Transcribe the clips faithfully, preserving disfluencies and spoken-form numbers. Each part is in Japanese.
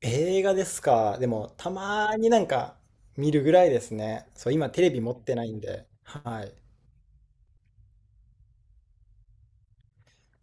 映画ですか。でも、たまになんか見るぐらいですね。そう、今テレビ持ってないんで。はい。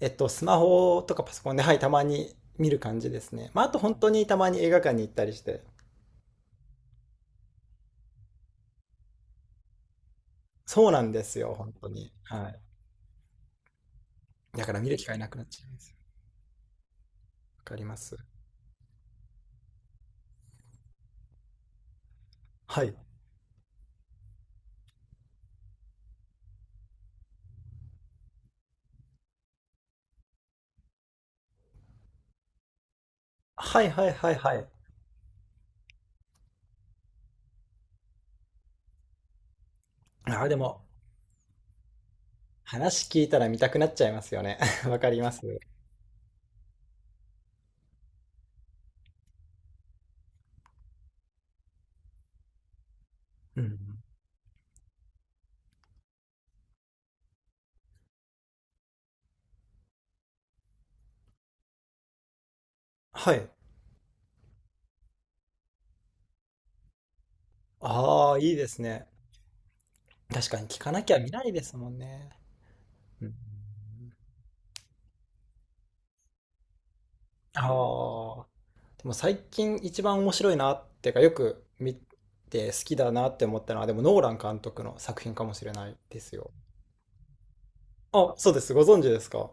えっと、スマホとかパソコンで、はい、たまに見る感じですね。まあ、あと本当にたまに映画館に行ったりして。そうなんですよ、本当に。はい。だから見る機会なくなっちゃうんですよ。わかります。はい。はいはいはいはい。ああ、でも、話聞いたら見たくなっちゃいますよね。わかります。うん。はい。ああ、いいですね。確かに聞かなきゃ見ないですもんね。うん。ああ。でも最近一番面白いなっていうか、よく見て好きだなって思ったのは、でもノーラン監督の作品かもしれないですよ。あ、そうです。ご存知ですか？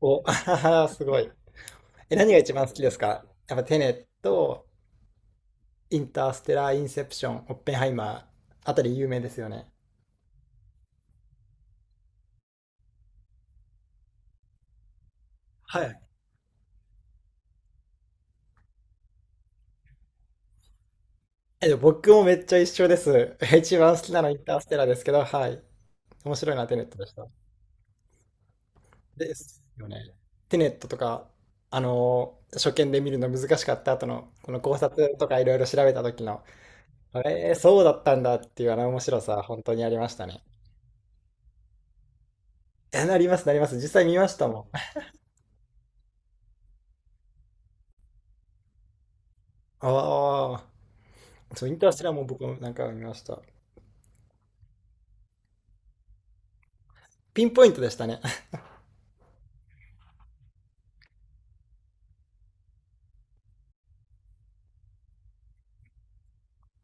お、あははすごい。え、何が一番好きですか？やっぱテネット、インターステラー、インセプション、オッペンハイマーあたり有名ですよね。はい。え、でも僕もめっちゃ一緒です。一番好きなのインターステラーですけど、はい。面白いな、テネットでした。ですよね。テネットとか、あのー初見で見るの難しかった後の、この考察とかいろいろ調べた時の、えー、そうだったんだっていうあの面白さ、本当にありましたね。え、なります、なります。実際見ましたもん。ああ、そう、インターステラーも僕もなんか見ました。ピンポイントでしたね。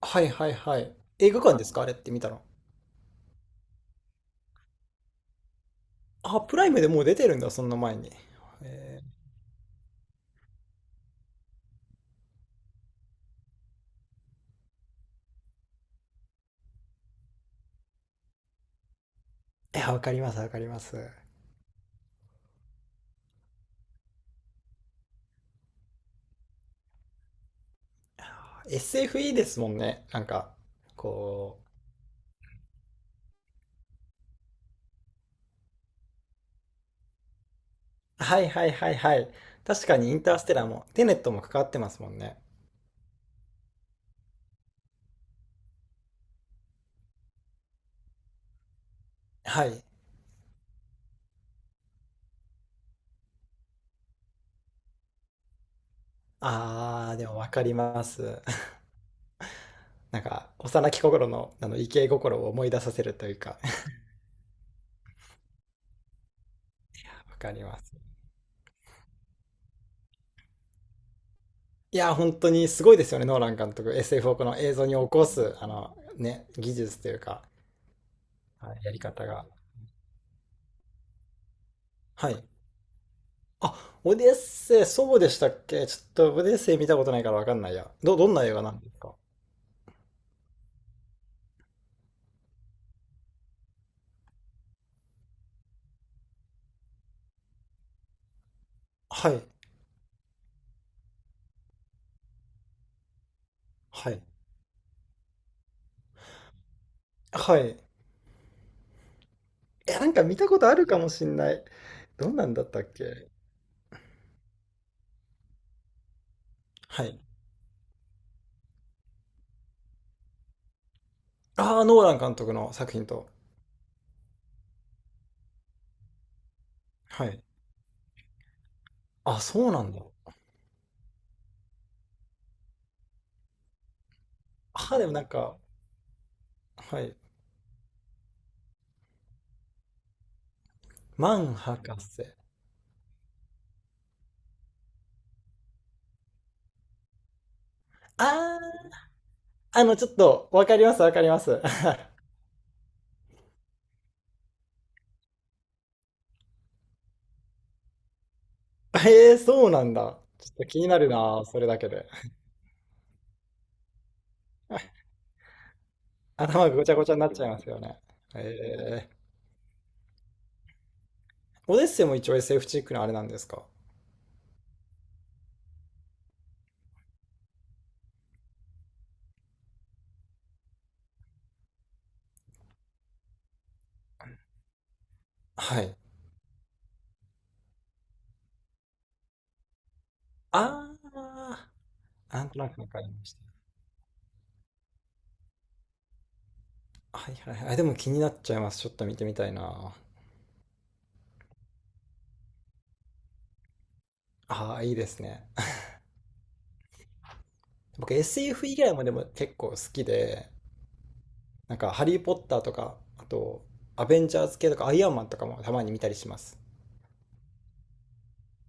はいはいはい。映画館ですか？あれって見たの。あ、プライムでもう出てるんだ、そんな前に。えー、いやわかります、わかります。エスエフ いいですもんね。なんか、こう、はいはいはいはい。確かにインターステラーも、テネットも関わってますもんね。はい。あー、でもわかります。なんか、幼き心の、あの、イケイ心を思い出させるというか、わかります。いやー、本当にすごいですよね、ノーラン監督。エスエフ をこの映像に起こす、あの、ね、技術というか、はい、やり方が。はい。あ、オデッセイ、そうでしたっけ？ちょっとオデッセイ見たことないからわかんないや。ど、どんな映画なんですか？はい。はい。はい。え、なんか見たことあるかもしんない。どんなんだったっけ？はい。ああ、ノーラン監督の作品と。はい。あ、そうなんだ。ああ、でもなんか、はい。マン博士。ああ、あの、ちょっと、わかります、わかります。ええー、そうなんだ。ちょっと気になるな、それだけで。頭がごちゃごちゃになっちゃいますよね。ええー。オデッセイも一応 エスエフ チックのあれなんですか？はい。ああ、なんとなくわかりました。はいはいはい。でも気になっちゃいます。ちょっと見てみたいな。ああ、いいですね。僕 エスエフ 以外もでも結構好きで、なんかハリー・ポッターとか、あとアベンジャーズ系とかアイアンマンとかもたまに見たりします。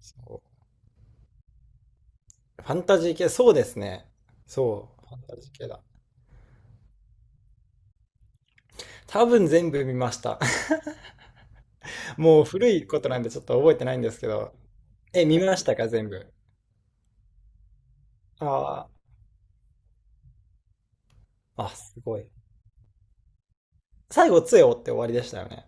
そうファンタジー系、そうですね。そう、ファンタジー系だ。多分全部見ました。もう古いことなんでちょっと覚えてないんですけど。え、見ましたか、全部。ああ、あ、すごい。最後、杖を折って終わりでしたよね。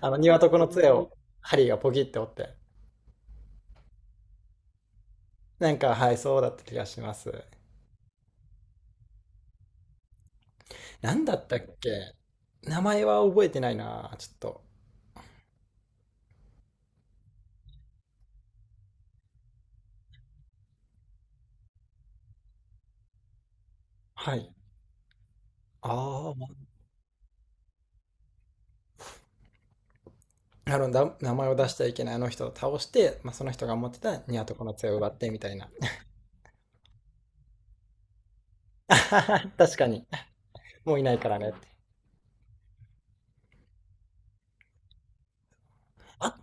あの、庭床の杖を、ハリーがポキって折って。なんか、はい、そうだった気がします。なんだったっけ？名前は覚えてないな、ちょっと。はい。ああ、まあなるほど。名前を出しちゃいけないあの人を倒して、まあ、その人が持ってたニワトコの杖を奪ってみたいな。確かに。もういないからねって。あ、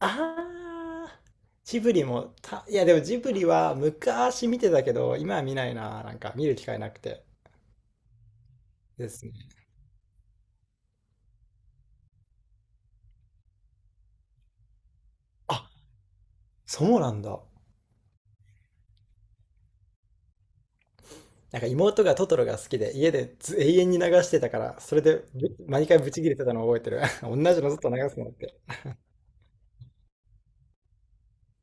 ああ、ジブリもた、いやでもジブリは昔見てたけど、今は見ないな。なんか見る機会なくてですね。あ、そうなんだ。なんか妹がトトロが好きで家でず永遠に流してたからそれでぶ毎回ブチ切れてたのを覚えてる 同じのずっと流すのって、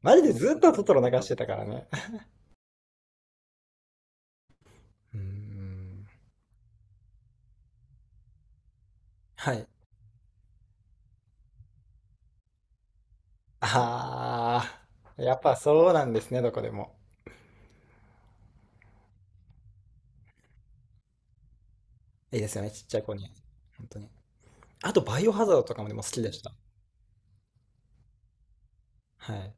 マジでずっとトトロ流してたからね。うーん。はい。ああ、やっぱそうなんですね、どこでも。いいですよねちっちゃい子に、本当に。あとバイオハザードとかもでも好きでした。はい。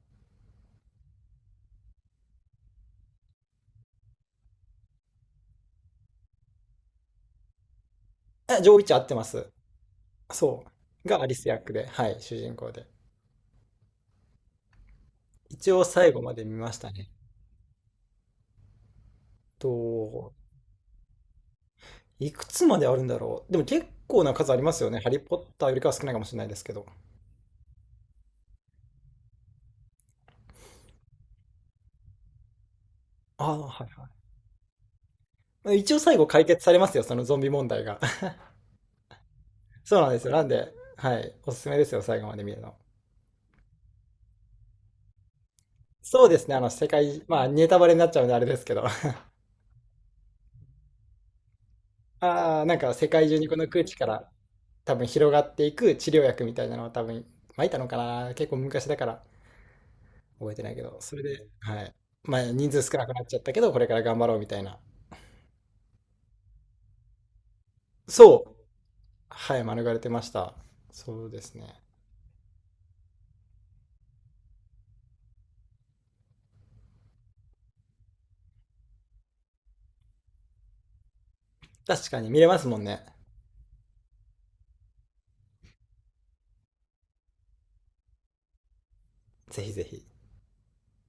えジョー・ウィッチ合ってます？そうが、アリス役で、はい、主人公で一応最後まで見ましたね。と、いくつまであるんだろう。でも結構な数ありますよね。ハリー・ポッターよりかは少ないかもしれないですけど。ああ、はいはい。一応最後解決されますよ、そのゾンビ問題が。そうなんですよ。なんで、はい。おすすめですよ、最後まで見るの。そうですね、あの、世界、まあ、ネタバレになっちゃうんであれですけど。ああ、なんか世界中にこの空気から多分広がっていく治療薬みたいなのを多分撒いたのかな。結構昔だから覚えてないけど。それで、はい。まあ、人数少なくなっちゃったけど、これから頑張ろうみたいな。そう。はい、免れてました。そうですね。確かに見れますもんね。ぜひぜひ。